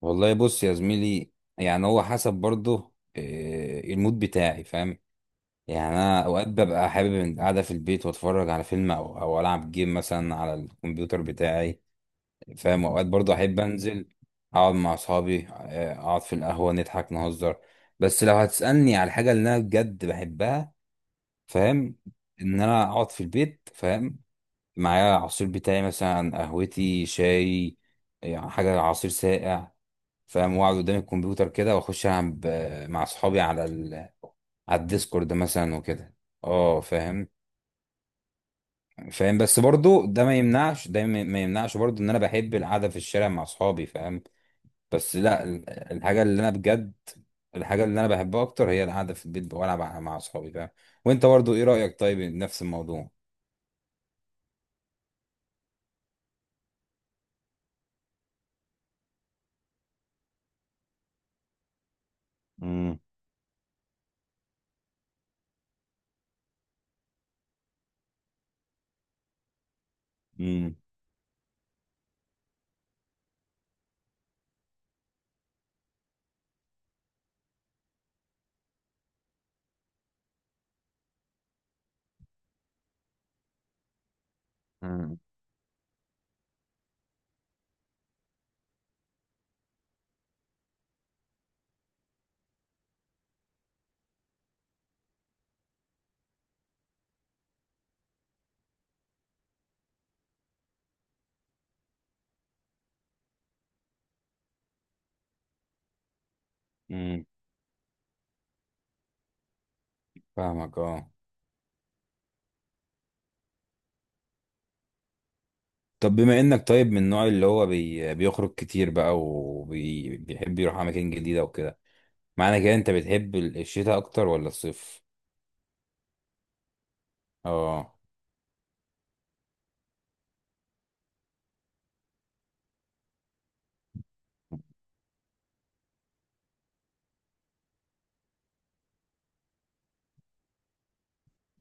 والله بص يا زميلي. يعني هو حسب برضه المود بتاعي. فاهم، يعني انا اوقات ببقى حابب إن قاعده في البيت واتفرج على فيلم او العب جيم مثلا على الكمبيوتر بتاعي. فاهم، اوقات برضه احب انزل اقعد مع اصحابي اقعد في القهوه نضحك نهزر. بس لو هتسالني على الحاجه اللي انا بجد بحبها، فاهم، ان انا اقعد في البيت، فاهم، معايا العصير بتاعي مثلا قهوتي شاي، يعني حاجه عصير ساقع، فاهم، واقعد قدام الكمبيوتر كده واخش العب مع اصحابي على على الديسكورد مثلا وكده. اه، فاهم. فاهم، بس برضو ده ما يمنعش ده ما يمنعش برضو ان انا بحب القعده في الشارع مع اصحابي، فاهم. بس لا الحاجه اللي انا بجد، الحاجه اللي انا بحبها اكتر هي القعده في البيت والعب مع اصحابي، فاهم. وانت برضو ايه رايك؟ طيب نفس الموضوع. امم. امم. امم. امم. فاهمك اه. طب بما انك طيب من النوع اللي هو بيخرج كتير بقى وبيحب يروح اماكن جديدة وكده، معنى كده انت بتحب الشتاء اكتر ولا الصيف؟ اه.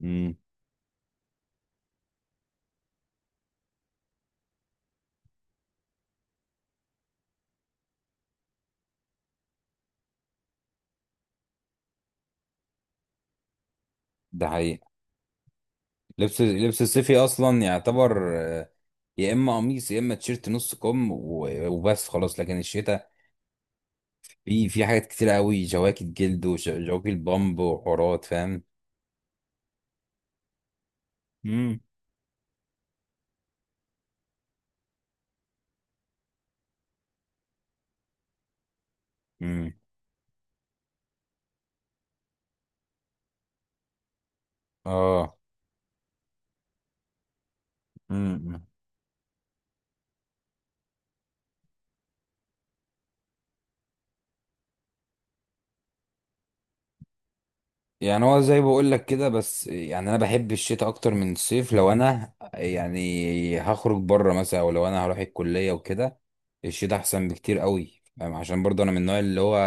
امم. ده حقيقي. لبس الصيفي اصلا يعتبر يا اما قميص يا اما تيشيرت نص كم وبس خلاص، لكن الشتاء في حاجات كتير قوي، جواكت جلد وجواكت بامب وحورات، فاهم. امم. امم. اه. امم. يعني هو زي بقول لك كده، بس يعني انا بحب الشتاء اكتر من الصيف. لو انا يعني هخرج بره مثلا او لو انا هروح الكليه وكده، الشتاء احسن بكتير قوي، فاهم؟ عشان برضه انا من النوع اللي هو،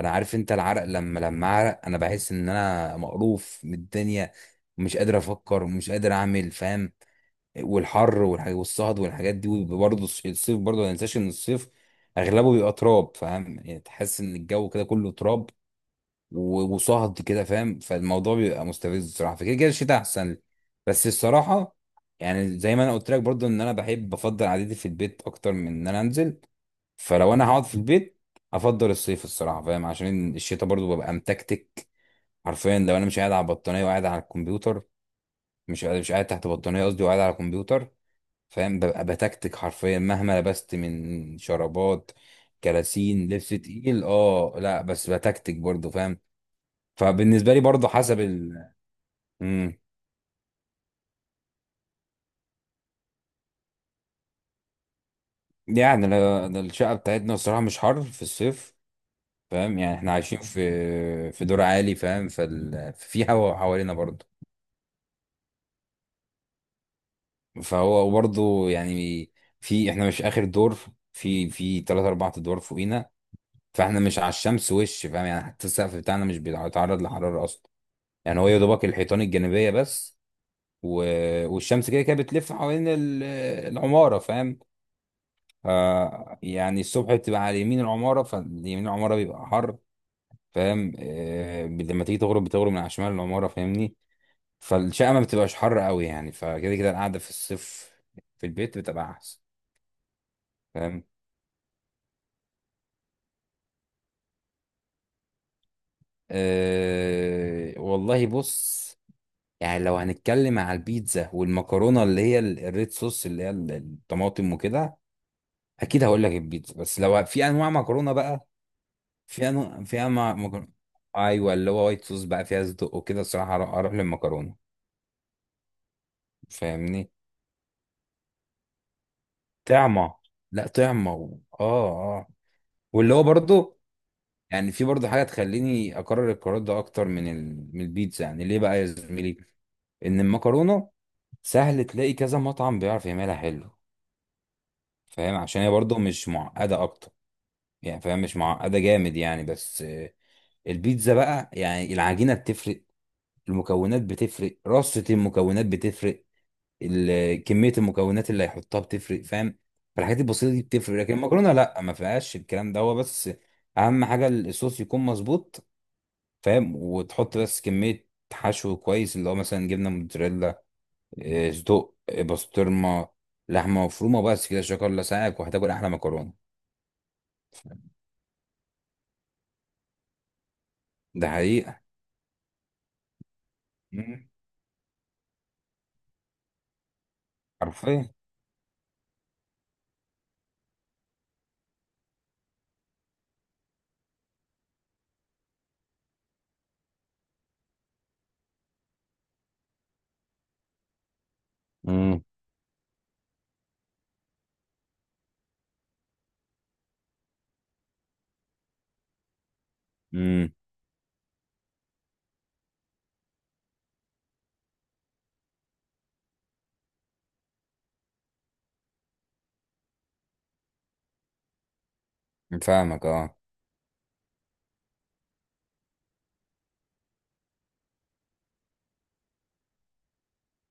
انا عارف انت العرق، لما اعرق انا بحس ان انا مقروف من الدنيا، مش قادر افكر ومش قادر اعمل، فاهم. والحر والصهد والحاجات دي. وبرضه الصيف برضه ما ننساش ان الصيف اغلبه بيبقى تراب، فاهم، يعني تحس ان الجو كده كله تراب وصهد كده، فاهم، فالموضوع بيبقى مستفز الصراحه، فكده كده الشتاء احسن لي. بس الصراحه يعني زي ما انا قلت لك برضو، ان انا بحب بفضل قعدتي في البيت اكتر من ان انا انزل. فلو انا هقعد في البيت، افضل الصيف الصراحه، فاهم، عشان الشتاء برضو ببقى متكتك. حرفيا لو انا مش قاعد على البطانيه وقاعد على الكمبيوتر، مش قاعد تحت بطانيه قصدي وقاعد على الكمبيوتر، فاهم، ببقى بتكتك حرفيا مهما لبست من شرابات، كلاسين، لبس تقيل، اه لا بس بتكتك برضو، فاهم. فبالنسبه لي برضه حسب مم. يعني ده الشقه بتاعتنا الصراحه مش حر في الصيف، فاهم، يعني احنا عايشين في دور عالي، فاهم، في هوا حوالينا برضه. فهو برضه يعني في احنا مش اخر دور، في ثلاث اربع ادوار فوقينا، فاحنا مش على الشمس وش، فاهم، يعني حتى السقف بتاعنا مش بيتعرض لحراره اصلا. يعني هو يا دوبك الحيطان الجانبيه بس. و... والشمس كده كده بتلف حوالين العماره، فاهم. يعني الصبح بتبقى على يمين العمارة، فاليمين العمارة بيبقى حر، فاهم. لما تيجي تغرب، بتغرب من على شمال العمارة، فاهمني، فالشقة ما بتبقاش حر قوي يعني، فكده كده القعدة في الصيف في البيت بتبقى أحسن. فاهم. والله بص، يعني لو هنتكلم على البيتزا والمكرونة، اللي هي الريد صوص اللي هي الطماطم وكده، أكيد هقول لك البيتزا. بس لو في أنواع مكرونة بقى فيها نوع، فيها مكرونة، ايوه، اللي هو وايت صوص بقى فيها صدق وكده، الصراحه أروح للمكرونه، فاهمني، طعمه، لا طعمه اه. اه، واللي هو برضو يعني في برضو حاجه تخليني اكرر القرار ده اكتر من من البيتزا. يعني ليه بقى يا زميلي؟ ان المكرونه سهل تلاقي كذا مطعم بيعرف يعملها حلو، فاهم، عشان هي برضو مش معقده اكتر، يعني فاهم، مش معقده جامد يعني، بس البيتزا بقى يعني العجينه بتفرق، المكونات بتفرق، رصة المكونات بتفرق، كميه المكونات اللي هيحطها بتفرق، فاهم. فالحاجات البسيطه دي بتفرق، لكن المكرونه لا، ما فيهاش الكلام ده. هو بس اهم حاجه الصوص يكون مظبوط، فاهم، وتحط بس كميه حشو كويس اللي هو مثلا جبنه موتزاريلا، صدق، بسطرمه، لحمه مفرومه، بس كده شكرا لسعيك وهتاكل احلى مكرونه. ده حقيقه. مم. حرفيا. امم. امم. فاهمك اه.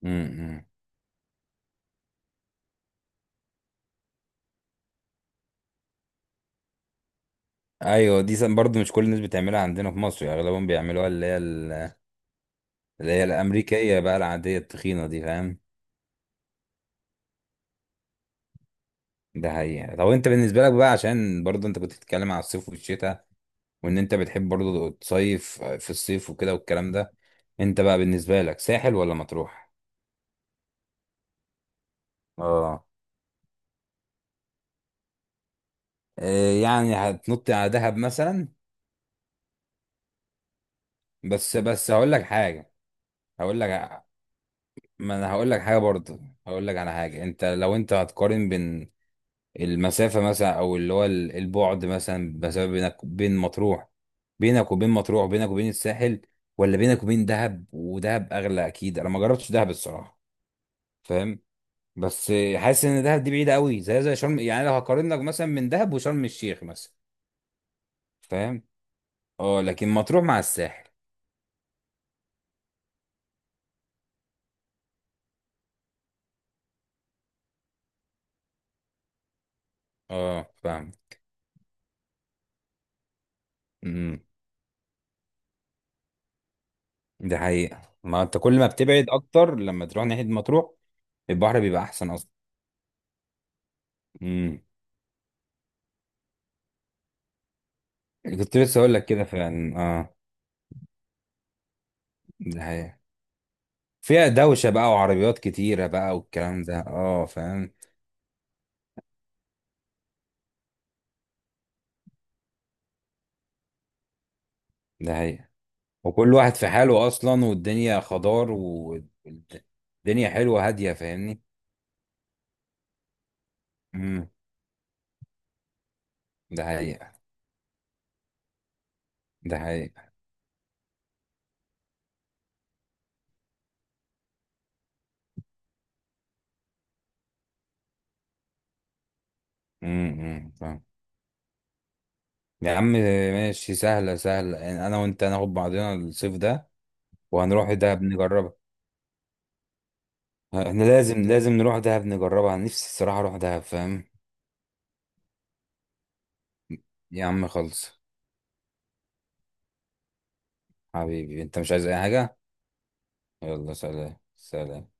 امم. ايوه دي برضه مش كل الناس بتعملها عندنا في مصر، يعني اغلبهم بيعملوها اللي هي الامريكيه بقى العاديه التخينه دي، فاهم. ده حقيقه. طب انت بالنسبه لك بقى، عشان برضه انت كنت بتتكلم على الصيف والشتاء وان انت بتحب برضه تصيف في الصيف وكده والكلام ده، انت بقى بالنسبه لك ساحل ولا مطروح؟ اه. إيه يعني هتنط على دهب مثلا؟ بس هقول لك حاجه، هقول لك ما انا هقول لك حاجه برضه، هقول لك على حاجه. لو انت هتقارن بين المسافة مثلا، أو اللي هو البعد مثلا، مسافة بينك بين مطروح، بينك وبين مطروح، بينك وبين الساحل، ولا بينك وبين دهب. ودهب أغلى أكيد، أنا ما جربتش دهب الصراحة، فاهم، بس حاسس إن دهب دي بعيدة قوي، زي شرم، يعني لو هقارن لك مثلا من دهب وشرم الشيخ مثلا، فاهم. اه، لكن مطروح مع الساحل. اه. فاهم. امم. ده حقيقة، ما أنت كل ما بتبعد أكتر لما تروح ناحية مطروح، البحر بيبقى أحسن أصلا. امم. كنت لسه أقول لك كده فعلا اه. ده حقيقة، فيها دوشة بقى وعربيات كتيرة بقى والكلام ده، اه فاهم. ده هي، وكل واحد في حاله أصلا، والدنيا خضار والدنيا حلوة هادية، فاهمني. امم. ده حقيقة. ده حقيقة. امم. فاهم. يا عم ماشي، سهلة سهلة، يعني أنا وأنت هناخد بعضنا الصيف ده، وهنروح دهب نجربها. احنا لازم لازم نروح دهب نجربها، أنا نفسي الصراحة أروح دهب، فاهم. يا عم خلص. حبيبي أنت مش عايز أي حاجة؟ يلا سلام سلام.